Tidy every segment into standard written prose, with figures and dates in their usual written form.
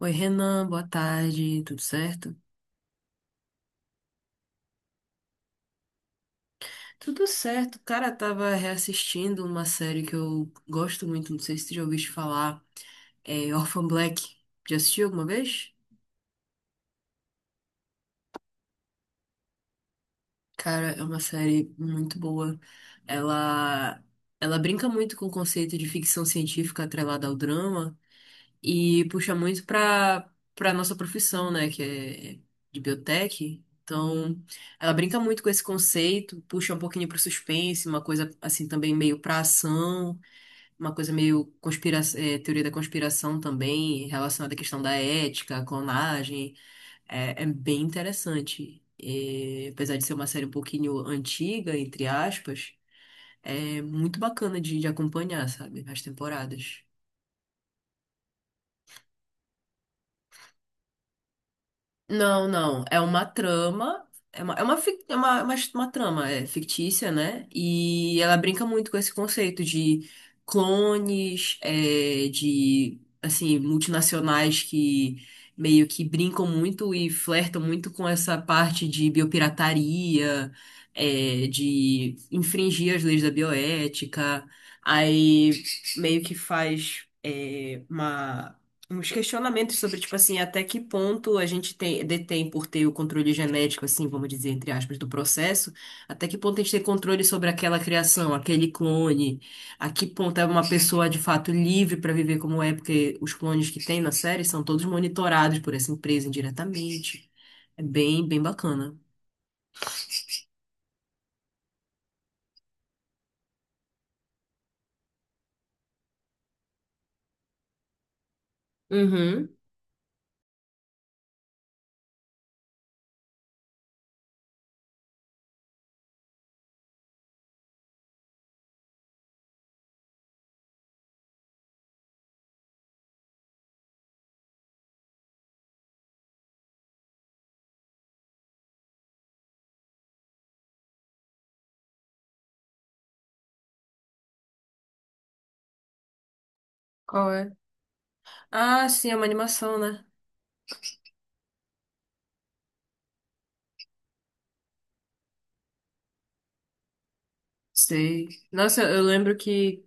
Oi, Renan, boa tarde, tudo certo? Tudo certo, cara, tava reassistindo uma série que eu gosto muito, não sei se tu já ouviste falar, é Orphan Black. Já assistiu alguma vez? Cara, é uma série muito boa. Ela, ela brinca muito com o conceito de ficção científica atrelada ao drama. E puxa muito para nossa profissão, né, que é de biotech. Então, ela brinca muito com esse conceito, puxa um pouquinho para o suspense, uma coisa assim também meio para ação, uma coisa meio conspira teoria da conspiração também, relacionada à questão da ética, à clonagem. É, é bem interessante. E, apesar de ser uma série um pouquinho antiga, entre aspas, é muito bacana de acompanhar, sabe, as temporadas. Não, não. É uma trama. É uma, fic- é uma trama é, fictícia, né? E ela brinca muito com esse conceito de clones, é, de, assim, multinacionais que meio que brincam muito e flertam muito com essa parte de biopirataria, é, de infringir as leis da bioética. Aí meio que faz, é, uma uns questionamentos sobre, tipo assim, até que ponto a gente tem, detém por ter o controle genético, assim, vamos dizer, entre aspas, do processo, até que ponto a gente tem controle sobre aquela criação, aquele clone, a que ponto é uma pessoa de fato livre para viver como é, porque os clones que tem na série são todos monitorados por essa empresa indiretamente. É bem, bem bacana. Uhum. Qual é? Ah, sim, é uma animação, né? Sei. Nossa, eu lembro que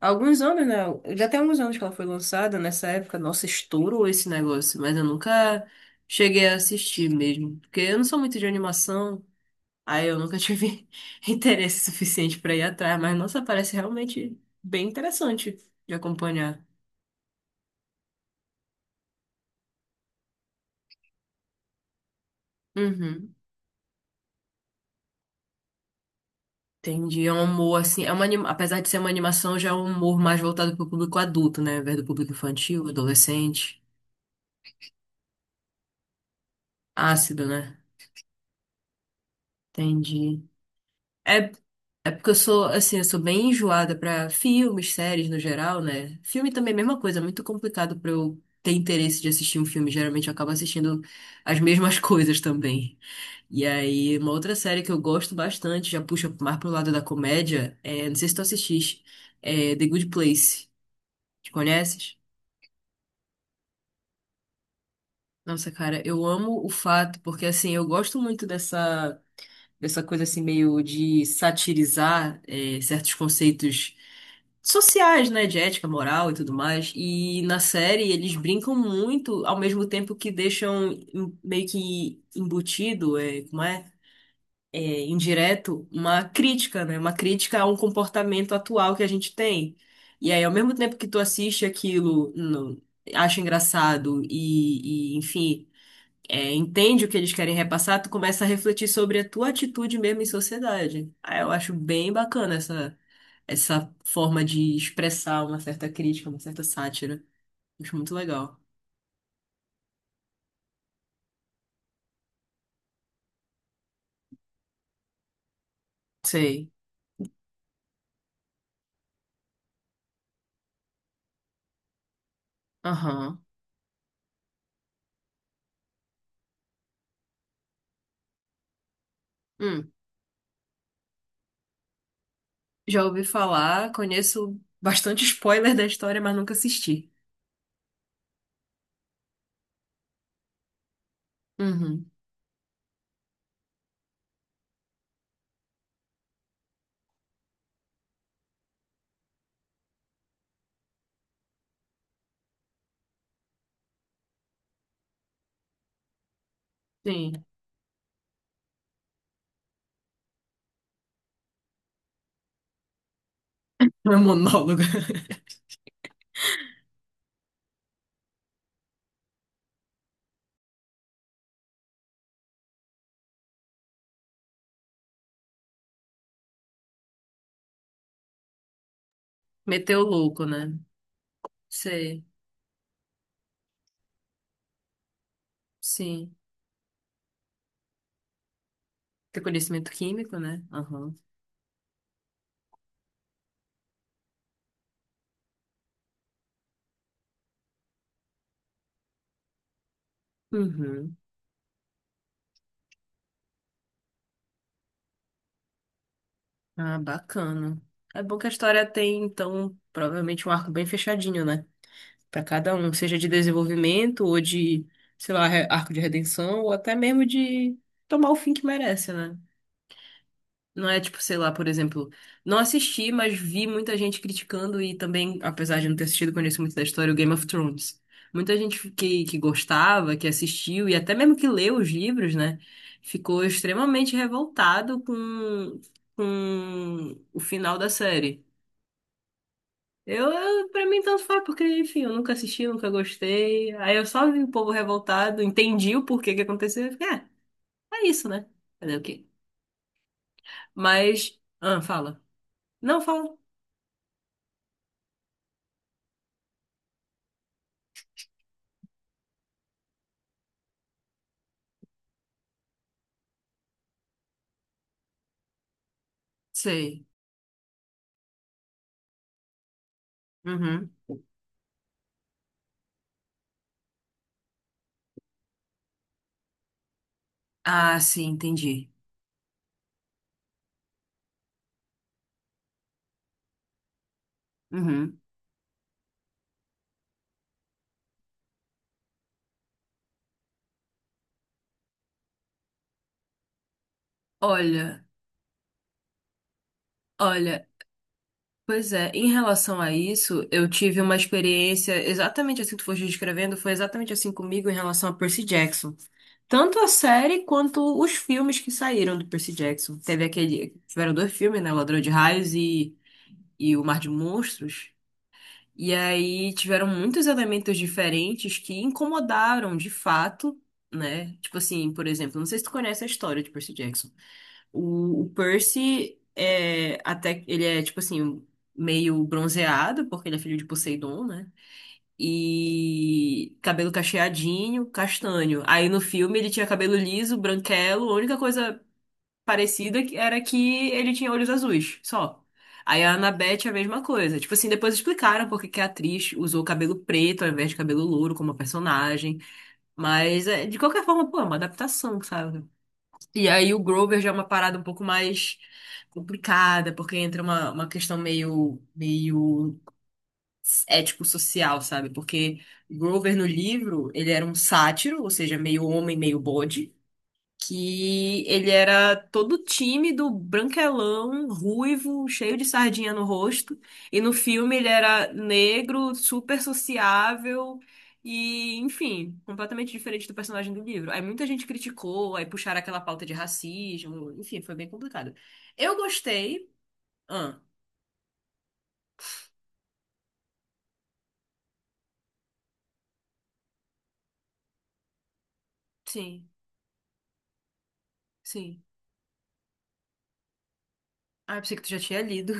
há alguns anos, né? Já tem alguns anos que ela foi lançada, nessa época, nossa, estourou esse negócio, mas eu nunca cheguei a assistir mesmo, porque eu não sou muito de animação, aí eu nunca tive interesse suficiente pra ir atrás, mas nossa, parece realmente bem interessante de acompanhar. Uhum. Entendi, é um humor assim, é uma, apesar de ser uma animação, já é um humor mais voltado pro público adulto, né, ao invés do público infantil, adolescente, ácido, né? Entendi. É, é porque eu sou, assim, eu sou bem enjoada pra filmes, séries no geral, né? Filme também é a mesma coisa, é muito complicado pra eu ter interesse de assistir um filme. Geralmente eu acabo assistindo as mesmas coisas também. E aí, uma outra série que eu gosto bastante, já puxa mais pro lado da comédia, é, não sei se tu assististe, é The Good Place. Te conheces? Nossa, cara, eu amo o fato, porque assim, eu gosto muito dessa. Essa coisa assim meio de satirizar certos conceitos sociais, né, de ética, moral e tudo mais. E na série eles brincam muito, ao mesmo tempo que deixam meio que embutido, é, como é? É, indireto, uma crítica, né? Uma crítica a um comportamento atual que a gente tem. E aí, ao mesmo tempo que tu assiste aquilo, acha engraçado e, enfim é, entende o que eles querem repassar, tu começa a refletir sobre a tua atitude mesmo em sociedade. Aí eu acho bem bacana essa, essa forma de expressar uma certa crítica, uma certa sátira. Acho muito legal. Sei. Aham. Hum. Já ouvi falar, conheço bastante spoiler da história, mas nunca assisti. Uhum. Sim. Não é um monólogo. Meteu o louco, né? Sei. Sim. Tem conhecimento químico, né? Aham. Uhum. Ah, bacana. É bom que a história tem, então, provavelmente um arco bem fechadinho, né? Pra cada um, seja de desenvolvimento ou de, sei lá, arco de redenção, ou até mesmo de tomar o fim que merece, né? Não é tipo, sei lá, por exemplo, não assisti, mas vi muita gente criticando e também, apesar de não ter assistido, conheço muito da história, o Game of Thrones. Muita gente que gostava, que assistiu e até mesmo que leu os livros, né, ficou extremamente revoltado com o final da série. Eu, pra mim, tanto faz, porque, enfim, eu nunca assisti, nunca gostei. Aí eu só vi o povo revoltado, entendi o porquê que aconteceu e fiquei, é, é isso, né? Fazer o quê? Mas, ah, fala. Não, fala. Sei. Uhum. Ah, sim, entendi. Uhum. Olha, olha, pois é, em relação a isso, eu tive uma experiência exatamente assim que tu foste descrevendo, foi exatamente assim comigo em relação a Percy Jackson. Tanto a série quanto os filmes que saíram do Percy Jackson. Teve aquele, tiveram dois filmes, né, Ladrão de Raios e O Mar de Monstros. E aí tiveram muitos elementos diferentes que incomodaram de fato, né? Tipo assim, por exemplo, não sei se tu conhece a história de Percy Jackson. O Percy é até ele é tipo assim meio bronzeado porque ele é filho de Poseidon, né? E cabelo cacheadinho, castanho. Aí no filme ele tinha cabelo liso, branquelo. A única coisa parecida era que ele tinha olhos azuis, só. Aí a Annabeth é a mesma coisa. Tipo assim, depois explicaram porque que a atriz usou cabelo preto ao invés de cabelo louro como personagem. Mas é, de qualquer forma, pô, é uma adaptação, sabe? E aí o Grover já é uma parada um pouco mais complicada, porque entra uma questão meio ético-social, sabe? Porque o Grover no livro, ele era um sátiro, ou seja, meio homem, meio bode que ele era todo tímido, branquelão, ruivo, cheio de sardinha no rosto. E no filme ele era negro, super sociável e, enfim, completamente diferente do personagem do livro. Aí muita gente criticou, aí puxaram aquela pauta de racismo, enfim, foi bem complicado. Eu gostei. Ah, sim, sim. Ah, eu pensei que tu já tinha lido.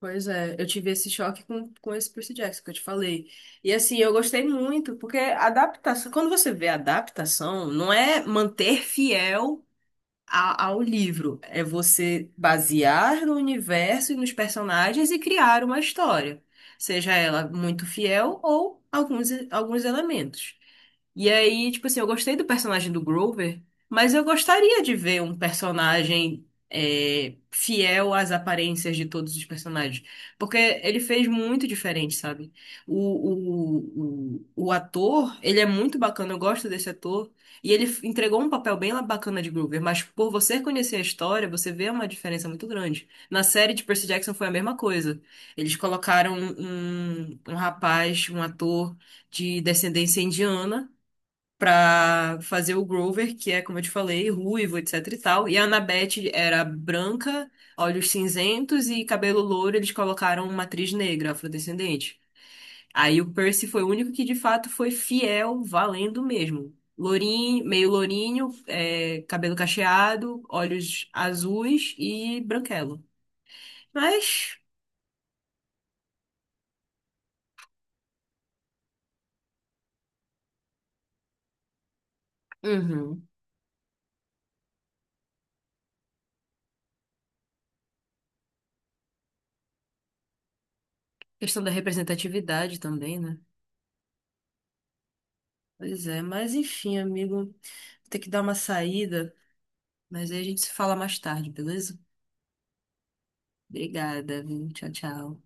Pois é, eu tive esse choque com esse Percy Jackson que eu te falei. E assim, eu gostei muito, porque adaptação, quando você vê adaptação, não é manter fiel ao livro, é você basear no universo e nos personagens e criar uma história, seja ela muito fiel ou alguns, alguns elementos. E aí, tipo assim, eu gostei do personagem do Grover, mas eu gostaria de ver um personagem é, fiel às aparências de todos os personagens. Porque ele fez muito diferente, sabe? O, o ator, ele é muito bacana, eu gosto desse ator. E ele entregou um papel bem bacana de Grover, mas por você conhecer a história, você vê uma diferença muito grande. Na série de Percy Jackson foi a mesma coisa. Eles colocaram um, um rapaz, um ator de descendência indiana pra fazer o Grover, que é, como eu te falei, ruivo, etc e tal. E a Annabeth era branca, olhos cinzentos e cabelo louro, eles colocaram uma atriz negra, afrodescendente. Aí o Percy foi o único que de fato foi fiel, valendo mesmo. Lourinho, meio lourinho, é, cabelo cacheado, olhos azuis e branquelo. Mas, uhum, questão da representatividade também, né? Pois é, mas enfim, amigo, vou ter que dar uma saída. Mas aí a gente se fala mais tarde, beleza? Obrigada, viu? Tchau, tchau.